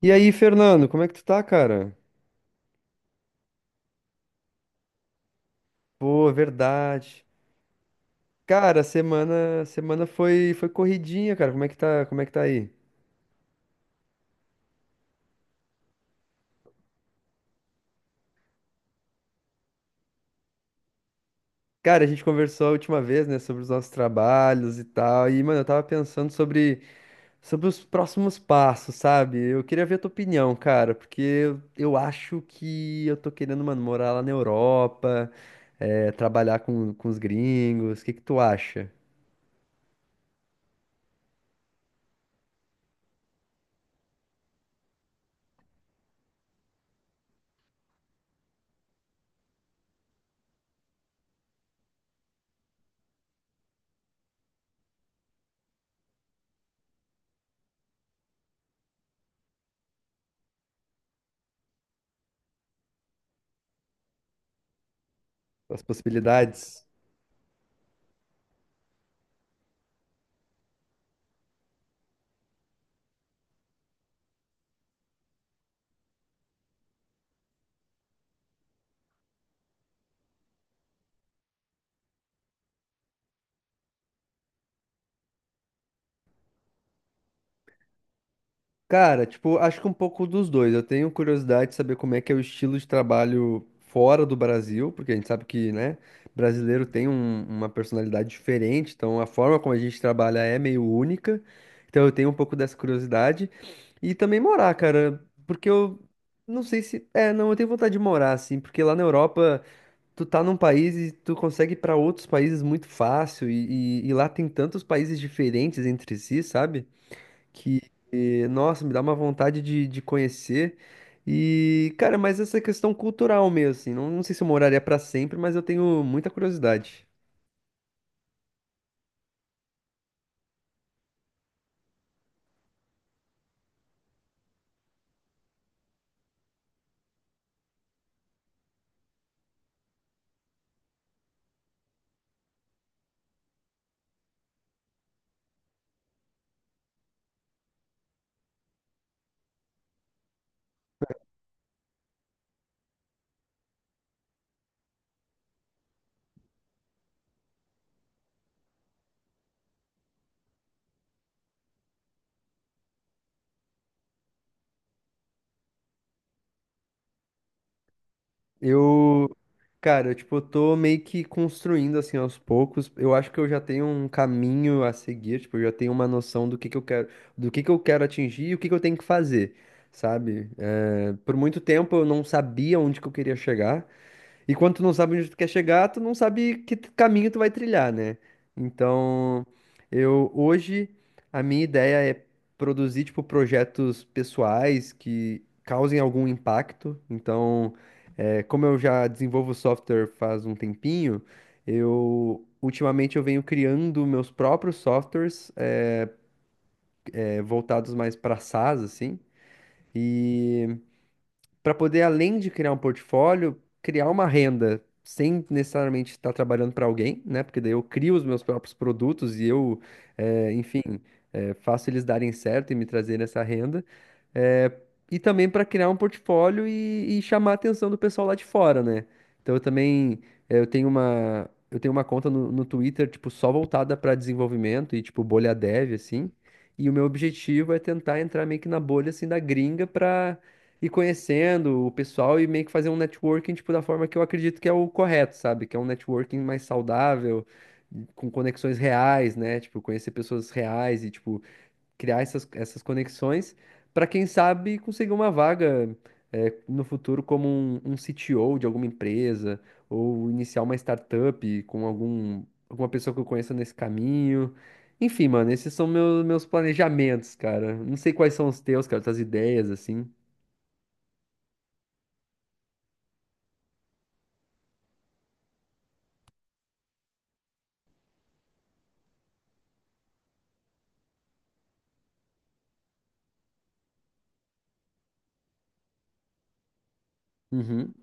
E aí, Fernando, como é que tu tá, cara? Pô, verdade. Cara, a semana, a semana foi corridinha, cara. Como é que tá aí? Cara, a gente conversou a última vez, né, sobre os nossos trabalhos e tal. E, mano, eu tava pensando sobre os próximos passos, sabe? Eu queria ver a tua opinião, cara, porque eu acho que eu tô querendo, mano, morar lá na Europa, trabalhar com os gringos. O que que tu acha? As possibilidades? Cara, tipo, acho que um pouco dos dois. Eu tenho curiosidade de saber como é que é o estilo de trabalho fora do Brasil, porque a gente sabe que, né, brasileiro tem uma personalidade diferente, então a forma como a gente trabalha é meio única. Então eu tenho um pouco dessa curiosidade. E também morar, cara, porque eu não sei se. É, não, eu tenho vontade de morar, assim, porque lá na Europa tu tá num país e tu consegue ir pra outros países muito fácil, e, e lá tem tantos países diferentes entre si, sabe? Nossa, me dá uma vontade de conhecer. E, cara, mas essa questão cultural mesmo, assim, não, não sei se eu moraria pra sempre, mas eu tenho muita curiosidade. Eu, cara, eu, tipo, eu tô meio que construindo, assim, aos poucos. Eu acho que eu já tenho um caminho a seguir, tipo, eu já tenho uma noção do que eu quero, do que eu quero atingir e o que que eu tenho que fazer, sabe? Por muito tempo eu não sabia onde que eu queria chegar. E quando tu não sabe onde tu quer chegar, tu não sabe que caminho tu vai trilhar, né? Então, eu hoje a minha ideia é produzir tipo projetos pessoais que causem algum impacto. Então, é, como eu já desenvolvo software faz um tempinho, eu ultimamente eu venho criando meus próprios softwares, é, voltados mais para SaaS assim. E para poder, além de criar um portfólio, criar uma renda sem necessariamente estar trabalhando para alguém, né? Porque daí eu crio os meus próprios produtos e eu, enfim, faço eles darem certo e me trazerem essa renda. É, e também para criar um portfólio e chamar a atenção do pessoal lá de fora, né? Então eu também eu tenho uma conta no, no Twitter tipo só voltada para desenvolvimento e tipo bolha dev assim. E o meu objetivo é tentar entrar meio que na bolha assim da gringa para ir conhecendo o pessoal e meio que fazer um networking tipo da forma que eu acredito que é o correto, sabe? Que é um networking mais saudável, com conexões reais, né? Tipo conhecer pessoas reais e tipo criar essas conexões para quem sabe conseguir uma vaga no futuro como um CTO de alguma empresa ou iniciar uma startup com algum, alguma pessoa que eu conheça nesse caminho. Enfim, mano, esses são meus, meus planejamentos, cara. Não sei quais são os teus, cara, tuas ideias, assim. Uhum,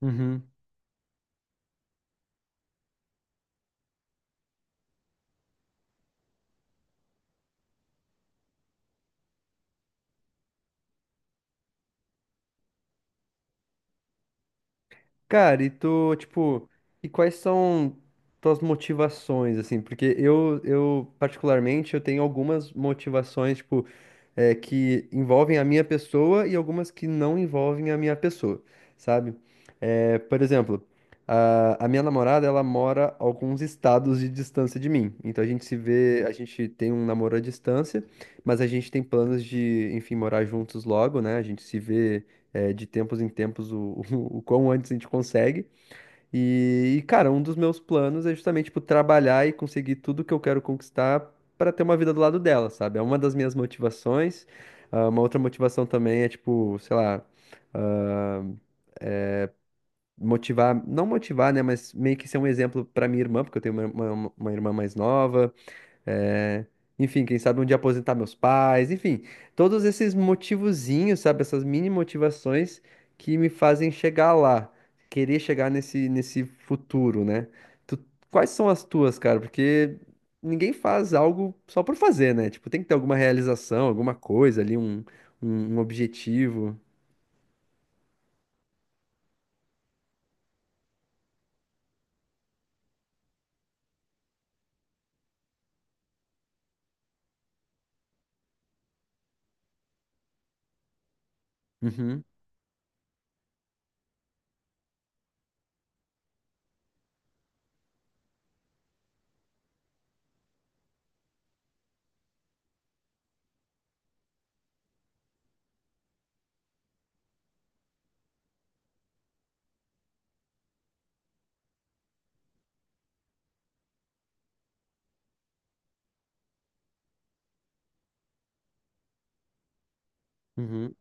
uhum. Cara, e tu, tipo, e quais são tuas motivações, assim? Porque eu particularmente, eu tenho algumas motivações, tipo, é, que envolvem a minha pessoa e algumas que não envolvem a minha pessoa, sabe? É, por exemplo, a minha namorada, ela mora a alguns estados de distância de mim. Então a gente se vê, a gente tem um namoro à distância, mas a gente tem planos de, enfim, morar juntos logo, né? A gente se vê é, de tempos em tempos o, o quão antes a gente consegue. E, cara, um dos meus planos é justamente, tipo, trabalhar e conseguir tudo que eu quero conquistar para ter uma vida do lado dela, sabe? É uma das minhas motivações. Ah, uma outra motivação também é, tipo, sei lá, ah, motivar, não motivar, né? Mas meio que ser um exemplo para minha irmã, porque eu tenho uma, uma irmã mais nova. É, enfim, quem sabe um dia aposentar meus pais, enfim, todos esses motivozinhos, sabe, essas mini motivações que me fazem chegar lá, querer chegar nesse, nesse futuro, né? Tu- Quais são as tuas, cara? Porque ninguém faz algo só por fazer, né? Tipo, tem que ter alguma realização, alguma coisa ali, um, um objetivo. Uhum, uhum,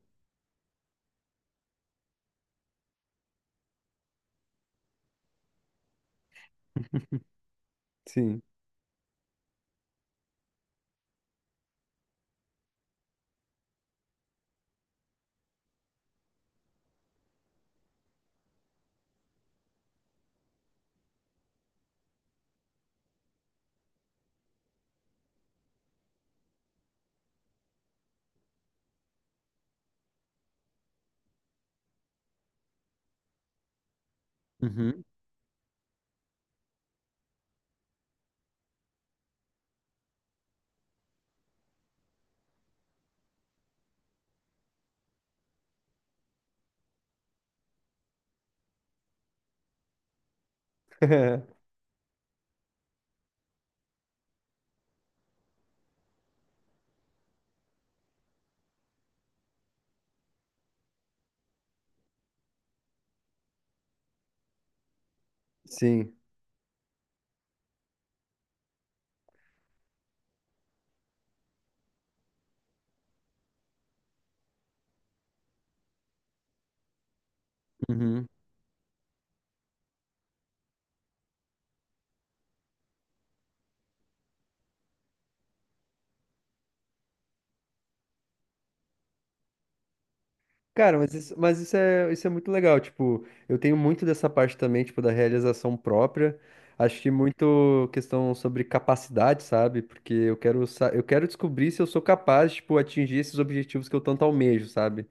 sim. Uhum. Sim. Uhum. Cara, mas isso é, isso é muito legal. Tipo, eu tenho muito dessa parte também, tipo, da realização própria. Acho que muito questão sobre capacidade, sabe? Porque eu quero, eu quero descobrir se eu sou capaz, tipo, atingir esses objetivos que eu tanto almejo, sabe?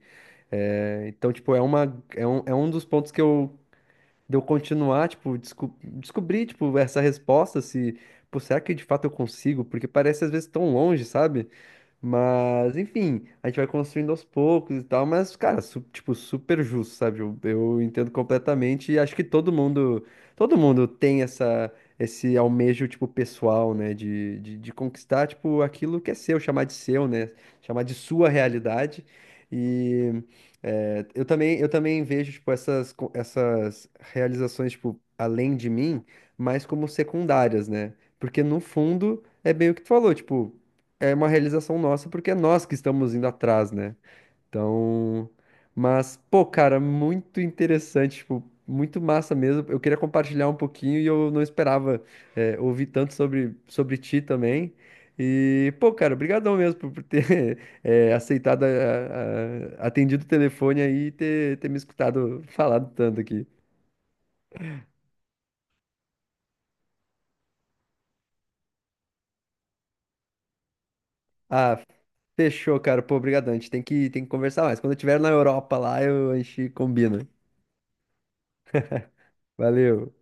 É, então, tipo, é uma, é um dos pontos que eu, de eu continuar, tipo, descobrir, tipo, essa resposta, se, pô, será que de fato eu consigo? Porque parece às vezes tão longe, sabe? Mas, enfim, a gente vai construindo aos poucos e tal, mas, cara, tipo, super justo, sabe? Eu entendo completamente e acho que todo mundo tem essa, esse almejo, tipo, pessoal, né? De conquistar, tipo, aquilo que é seu, chamar de seu, né? Chamar de sua realidade. E é, eu também vejo, tipo, essas, essas realizações, tipo, além de mim, mais como secundárias, né? Porque, no fundo, é bem o que tu falou, tipo é uma realização nossa, porque é nós que estamos indo atrás, né? Então, mas, pô, cara, muito interessante, tipo, muito massa mesmo. Eu queria compartilhar um pouquinho e eu não esperava é, ouvir tanto sobre, sobre ti também. E, pô, cara, obrigadão mesmo por ter é, aceitado, atendido o telefone aí e ter, ter me escutado falado tanto aqui. Ah, fechou, cara. Pô, obrigadão. A gente tem que conversar mais. Quando eu estiver na Europa lá, eu, a gente combina. Valeu.